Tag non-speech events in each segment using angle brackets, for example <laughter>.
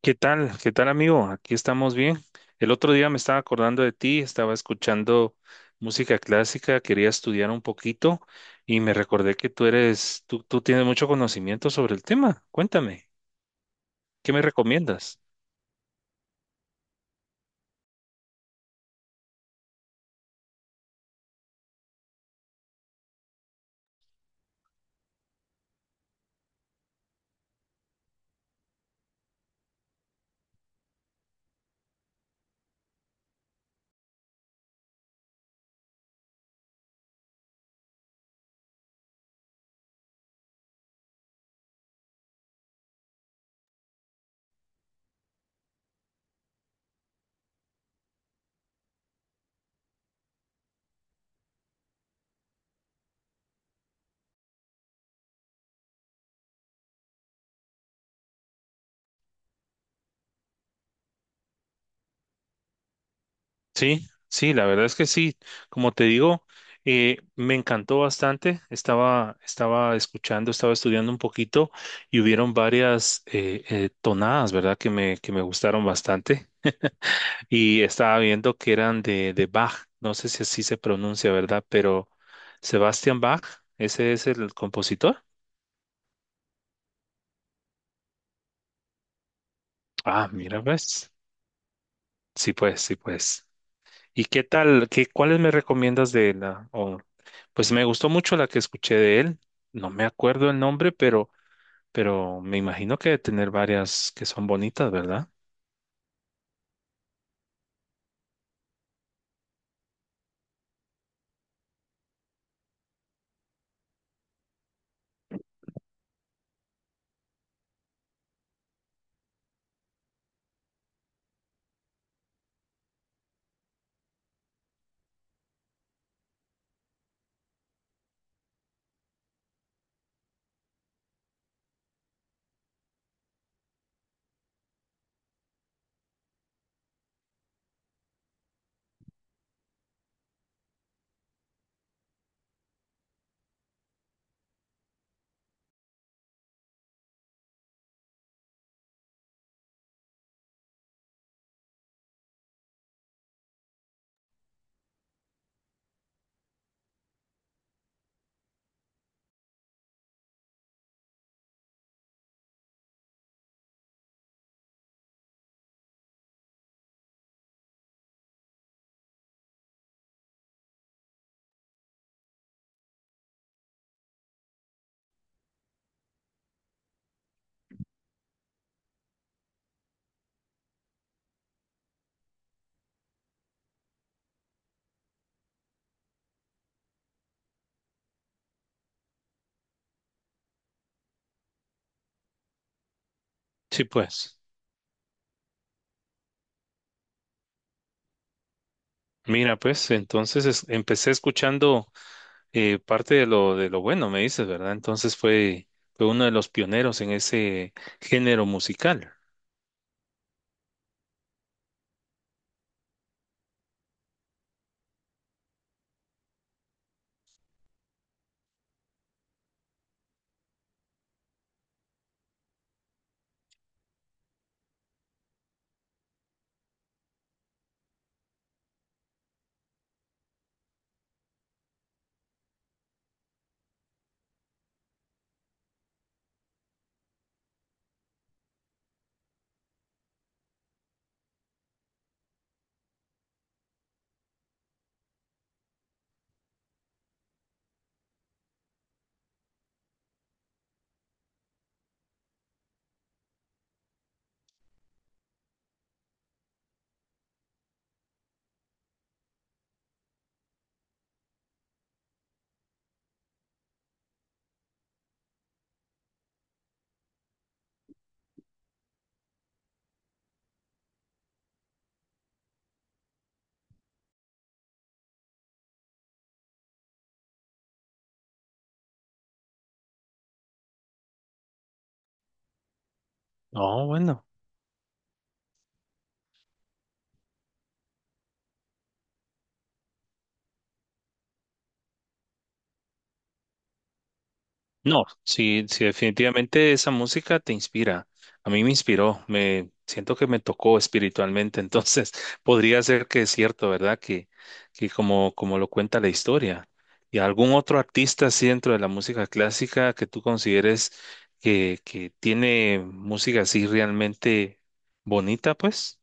¿Qué tal? ¿Qué tal, amigo? Aquí estamos bien. El otro día me estaba acordando de ti, estaba escuchando música clásica, quería estudiar un poquito y me recordé que tú tienes mucho conocimiento sobre el tema. Cuéntame, ¿qué me recomiendas? Sí, sí, la verdad es que sí. Como te digo, me encantó bastante. Estaba escuchando, estaba estudiando un poquito y hubieron varias tonadas, ¿verdad? Que me gustaron bastante. Y estaba viendo que eran de Bach, no sé si así se pronuncia, ¿verdad? Pero Sebastian Bach, ese es el compositor. Ah, mira, ves. Sí, pues, sí, pues. ¿Y qué tal? ¿Qué, cuáles me recomiendas de la? Pues me gustó mucho la que escuché de él. No me acuerdo el nombre, pero me imagino que debe tener varias que son bonitas, ¿verdad? Sí, pues. Mira, pues, entonces empecé escuchando. Parte de lo bueno, me dices, ¿verdad? Entonces fue uno de los pioneros en ese género musical. No, bueno. No, sí, sí, definitivamente esa música te inspira. A mí me inspiró, me siento que me tocó espiritualmente. Entonces, <laughs> podría ser que es cierto, ¿verdad? Que, como lo cuenta la historia. ¿Y algún otro artista así dentro de la música clásica que tú consideres que tiene música así realmente bonita, pues?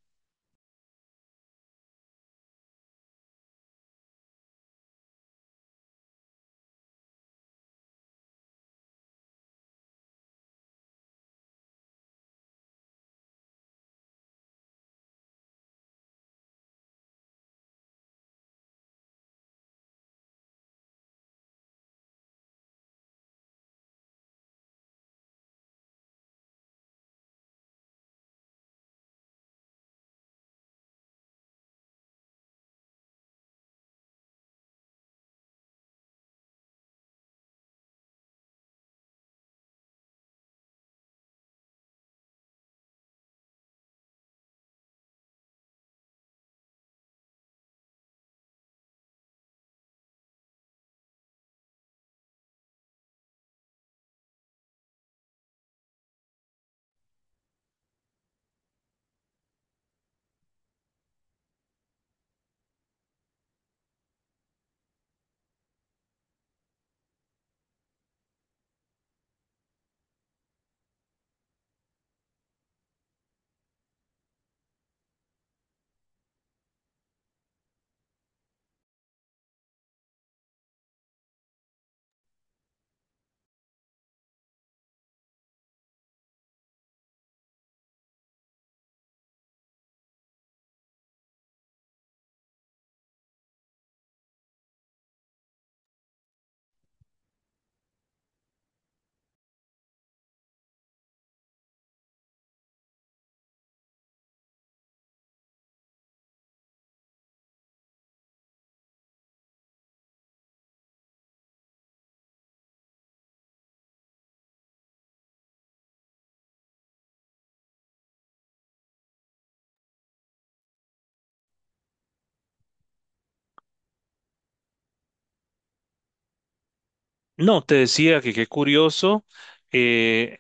No, te decía que qué curioso, eh,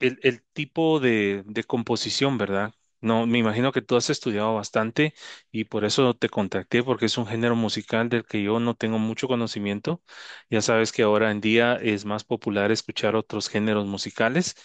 el tipo de composición, ¿verdad? No, me imagino que tú has estudiado bastante y por eso te contacté, porque es un género musical del que yo no tengo mucho conocimiento. Ya sabes que ahora en día es más popular escuchar otros géneros musicales,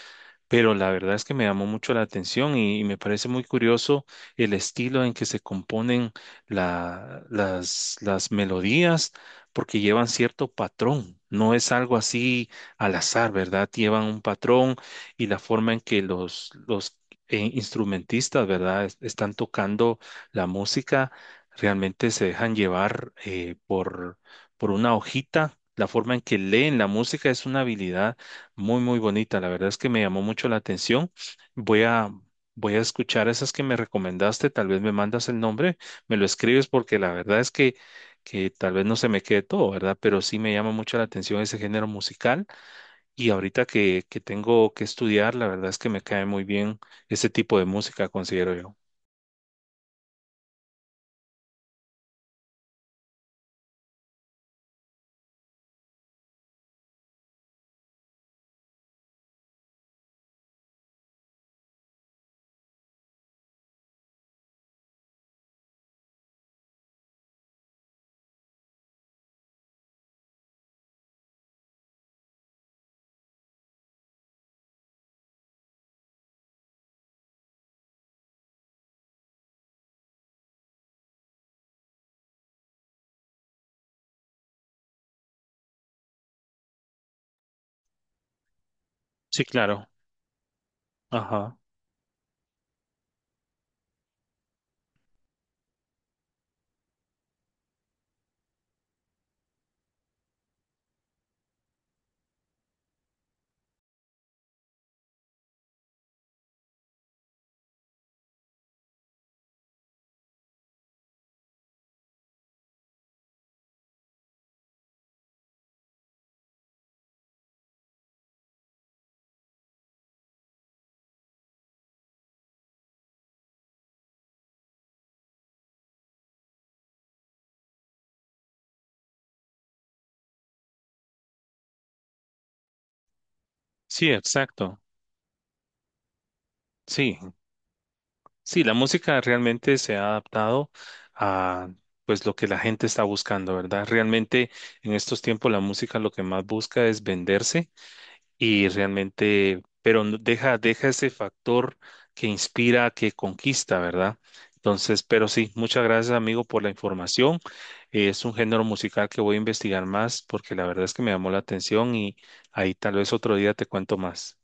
pero la verdad es que me llamó mucho la atención y me parece muy curioso el estilo en que se componen las melodías, porque llevan cierto patrón. No es algo así al azar, ¿verdad? Llevan un patrón y la forma en que los instrumentistas, ¿verdad? Están tocando la música, realmente se dejan llevar por una hojita. La forma en que leen la música es una habilidad muy, muy bonita. La verdad es que me llamó mucho la atención. Voy a, voy a escuchar esas que me recomendaste. Tal vez me mandas el nombre, me lo escribes porque la verdad es que tal vez no se me quede todo, ¿verdad? Pero sí me llama mucho la atención ese género musical. Y ahorita que tengo que estudiar, la verdad es que me cae muy bien ese tipo de música, considero yo. Sí, claro. Ajá. Sí, exacto. Sí, sí, la música realmente se ha adaptado a pues lo que la gente está buscando, ¿verdad? Realmente en estos tiempos la música lo que más busca es venderse y realmente, pero deja ese factor que inspira, que conquista, ¿verdad? Entonces, pero sí, muchas gracias amigo por la información. Es un género musical que voy a investigar más porque la verdad es que me llamó la atención y ahí tal vez otro día te cuento más.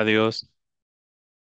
Adiós.